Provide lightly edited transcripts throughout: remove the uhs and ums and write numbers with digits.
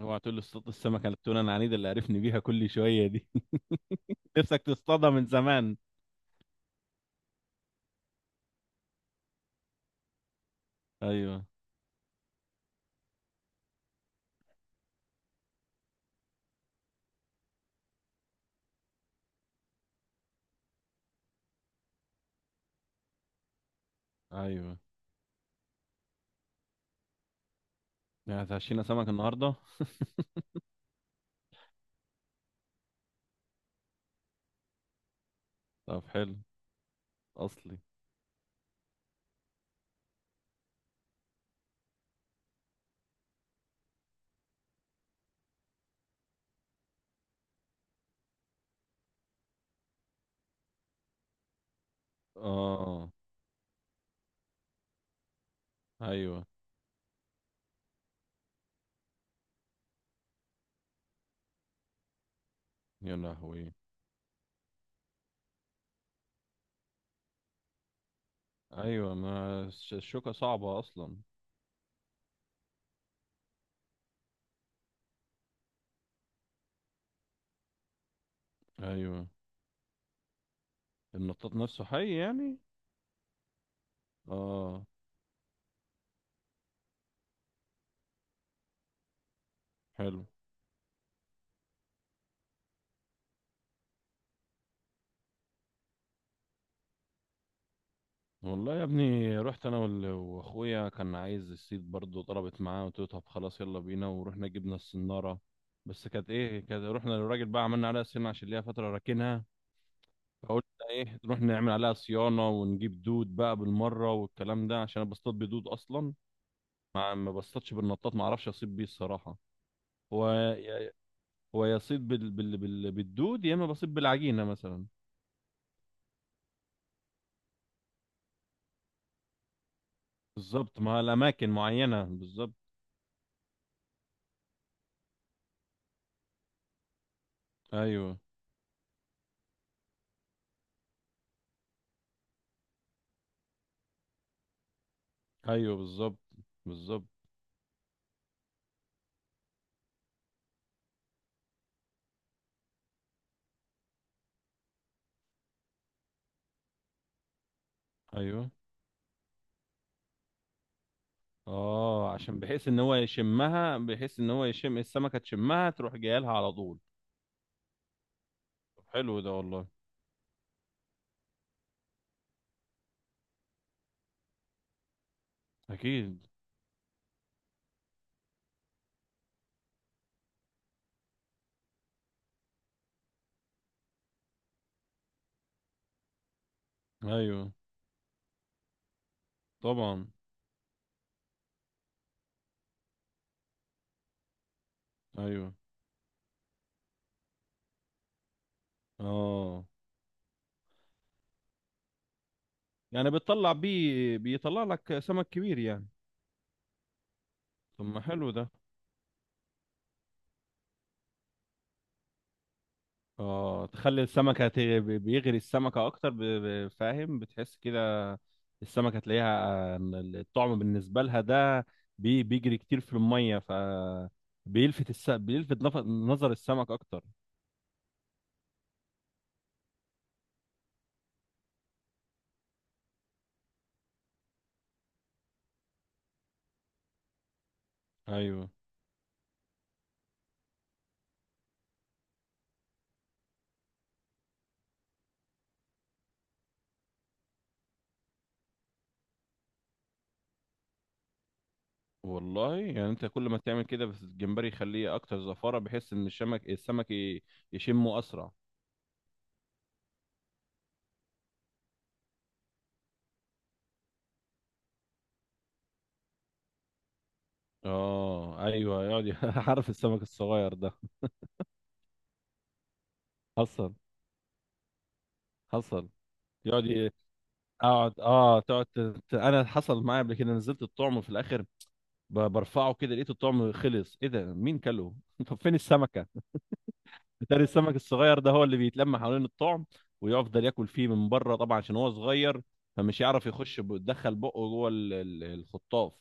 اوعى تقول لي اصطاد السمكه التونه العنيده اللي عرفني بيها كل شويه دي. نفسك تصطادها من زمان. ايوه، ايوه، يعني هتعشينا سمك النهارده؟ طب حلو. اصلي. اه، ايوه. يا لهوي. ايوه، ما الشوكه صعبه اصلا. ايوه، النطاط نفسه حي يعني؟ اه، حلو. والله يا ابني، رحت انا واخويا كان عايز الصيد برضه، طلبت معاه، قلت له طب خلاص يلا بينا، ورحنا جبنا الصناره. بس كانت ايه، كانت رحنا للراجل بقى عملنا عليها صيانه عشان ليها فتره راكنها. فقلنا ايه، نروح نعمل عليها صيانه ونجيب دود بقى بالمره والكلام ده، عشان انا بصطاد بدود اصلا. ما بصطادش بالنطاط، ما اعرفش اصيد بيه الصراحه. هو يا- هو يصيد بالدود، يا اما بصيد بالعجينه مثلا. بالظبط، ما الاماكن معينه بالظبط. ايوه، ايوه، بالظبط، بالظبط، ايوه. اه، عشان بحيث ان هو يشمها، بحيث ان هو يشم السمكه تشمها تروح جايه لها على طول. طب حلو ده والله. اكيد. ايوه، طبعا. ايوه، اه. يعني بتطلع بيه بيطلع لك سمك كبير يعني؟ طب ما حلو ده. اه، تخلي السمكه بيغري السمكه اكتر، فاهم بتحس كده. السمكه تلاقيها. الطعم بالنسبه لها ده بيجري كتير في الميه، ف بيلفت نظر السمك اكتر. ايوه. والله يعني انت كل ما تعمل كده بس الجمبري يخليه اكتر زفاره، بحيث ان السمك يشمه اسرع. اه، ايوه، يقعد عارف السمك الصغير ده. حصل. حصل. يقعد ي- اقعد اه انا حصل معايا قبل كده، نزلت الطعم في الاخر، برفعه كده لقيت الطعم خلص، ايه ده مين كله؟ طب فين السمكه؟ بتاري السمك الصغير ده هو اللي بيتلم حوالين الطعم، ويفضل ياكل فيه من بره طبعا عشان هو صغير، فمش يعرف يخش يدخل بقه جوه الخطاف.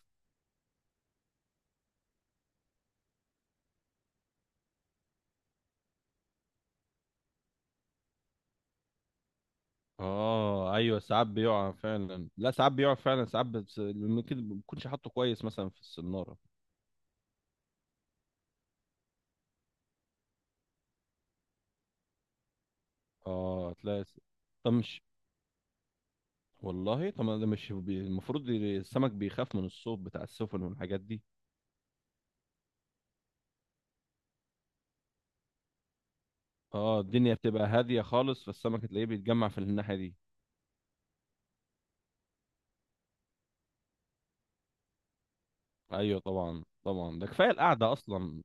اه، ايوه، ساعات بيقع فعلا، لا ساعات بيقع فعلا ساعات، بس ممكن ما بكونش حاطه كويس مثلا في السناره. اه، تلاقي طب مش، والله طب ما ده مش المفروض السمك بيخاف من الصوت بتاع السفن والحاجات دي؟ اه، الدنيا بتبقى هاديه خالص، فالسمك تلاقيه بيتجمع في الناحيه دي. ايوه، طبعا، طبعا، ده كفايه القعده اصلا.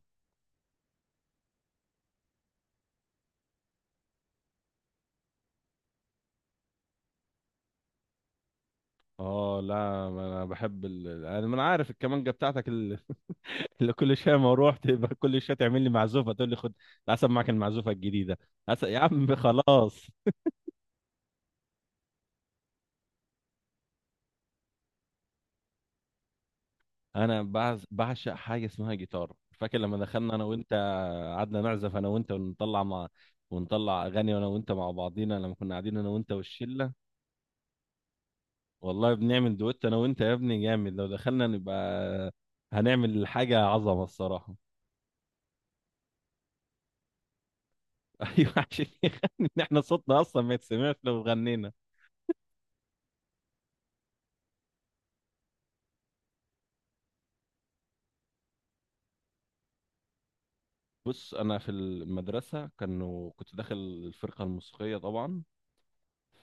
اه، لا، ما انا بحب انا ما أنا عارف الكمانجه بتاعتك اللي كل شويه ما اروح تبقى كل شويه تعمل لي معزوفه تقول لي خد. العسل معاك المعزوفه الجديده. عسل يا عم، خلاص. انا بعشق حاجه اسمها جيتار. فاكر لما دخلنا انا وانت قعدنا نعزف انا وانت ونطلع اغاني انا وانت مع بعضينا لما كنا قاعدين انا وانت والشله. والله بنعمل دويت انا وانت يا ابني جامد، لو دخلنا نبقى هنعمل حاجه عظمه الصراحه. ايوه، عشان يغني، ان احنا صوتنا اصلا ما يتسمعش لو غنينا. بص، انا في المدرسه كنت داخل الفرقه الموسيقيه طبعا.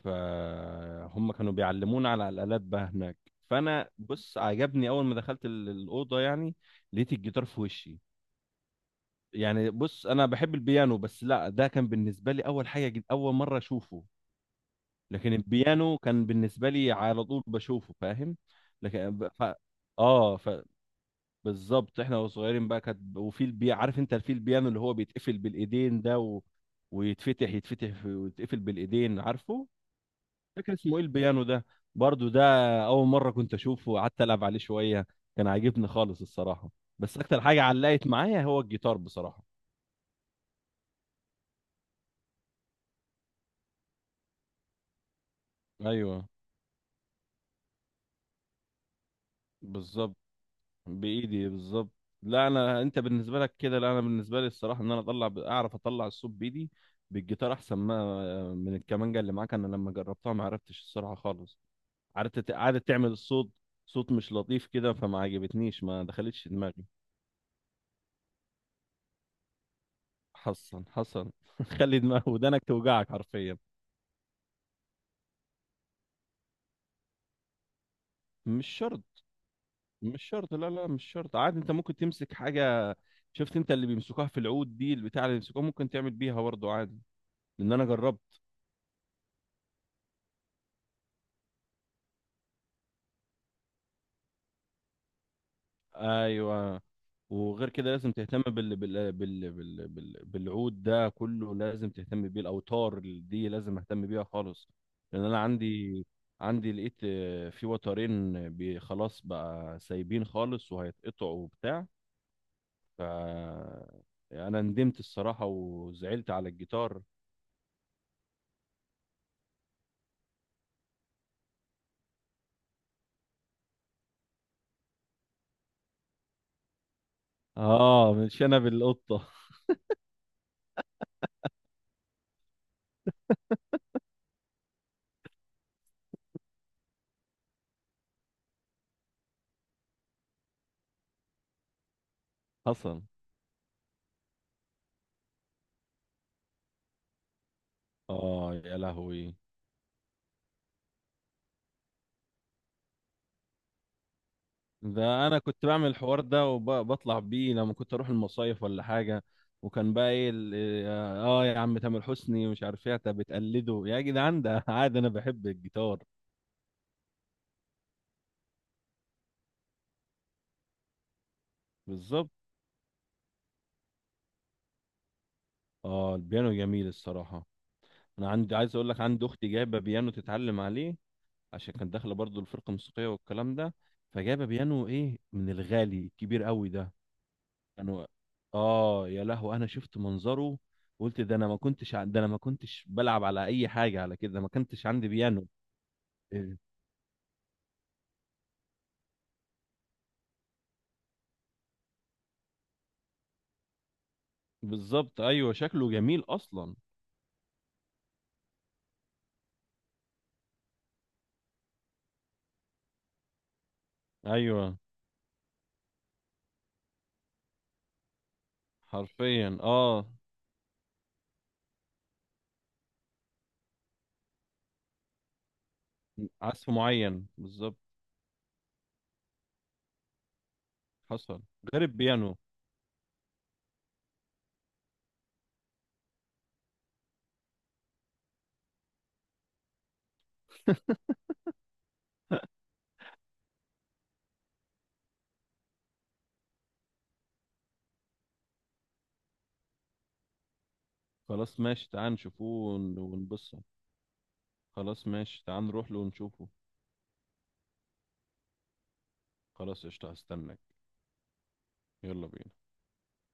فهم كانوا بيعلمونا على الالات بقى هناك. فانا بص، عجبني اول ما دخلت الاوضه يعني. لقيت الجيتار في وشي. يعني بص، انا بحب البيانو، بس لا ده كان بالنسبه لي اول حاجه اول مره اشوفه. لكن البيانو كان بالنسبه لي على طول بشوفه فاهم. لكن اه، بالظبط، احنا وصغيرين بقى كانت، وفي عارف انت الفيل بيانو اللي هو بيتقفل بالايدين ده ويتفتح ويتقفل بالايدين عارفه. فاكر اسمه ايه البيانو ده، برضو ده؟ اول مره كنت اشوفه، وقعدت العب عليه شويه. كان عاجبني خالص الصراحه. بس اكتر حاجه علقت معايا هو الجيتار بصراحه. ايوه، بالظبط، بايدي بالظبط. لا انا، انت بالنسبه لك كده، لا انا بالنسبه لي الصراحه، ان انا اطلع اعرف اطلع الصوت بايدي بالجيتار احسن ما من الكمانجه. اللي معاك انا لما جربتها ما عرفتش الصراحه خالص. قعدت تعمل الصوت، صوت مش لطيف كده، فما عجبتنيش، ما دخلتش دماغي. حصن حصن. خلي دماغ ودانك توجعك حرفيا. مش شرط. مش شرط. لا لا، مش شرط، عادي انت ممكن تمسك حاجة. شفت انت اللي بيمسكوها في العود دي، البتاع اللي بيمسكوها ممكن تعمل بيها برضه عادي، لان انا جربت. ايوه. وغير كده لازم تهتم بالعود، ده كله لازم تهتم بيه، الاوتار دي لازم اهتم بيها خالص. لان انا عندي، عندي لقيت في وترين خلاص بقى سايبين خالص وهيتقطعوا وبتاع. ف انا ندمت الصراحة وزعلت على الجيتار. اه، مش انا بالقطة. حصل. اه، يا لهوي، ده انا كنت بعمل الحوار ده وبطلع بيه لما كنت اروح المصايف ولا حاجه. وكان بقى ايه اه، يا عم تامر حسني مش عارف ايه انت بتقلده يا جدعان ده. عادي، انا بحب الجيتار. بالظبط. اه، البيانو جميل الصراحه. انا عندي، عايز اقول لك عندي اختي جايبه بيانو تتعلم عليه، عشان كانت داخله برضو الفرقه الموسيقيه والكلام ده. فجايبه بيانو، ايه، من الغالي الكبير قوي ده. كانوا. اه، يا لهوي، انا شفت منظره، قلت ده انا ما كنتش بلعب على اي حاجه على كده، ما كنتش عندي بيانو. إيه. بالظبط، ايوه، شكله جميل اصلا. ايوه، حرفيا، اه. عزف معين بالظبط. حصل. غير البيانو. خلاص ماشي، تعال نشوفوه ونبصه. خلاص ماشي تعال نروح له ونشوفه. خلاص قشطة، هستناك. يلا بينا.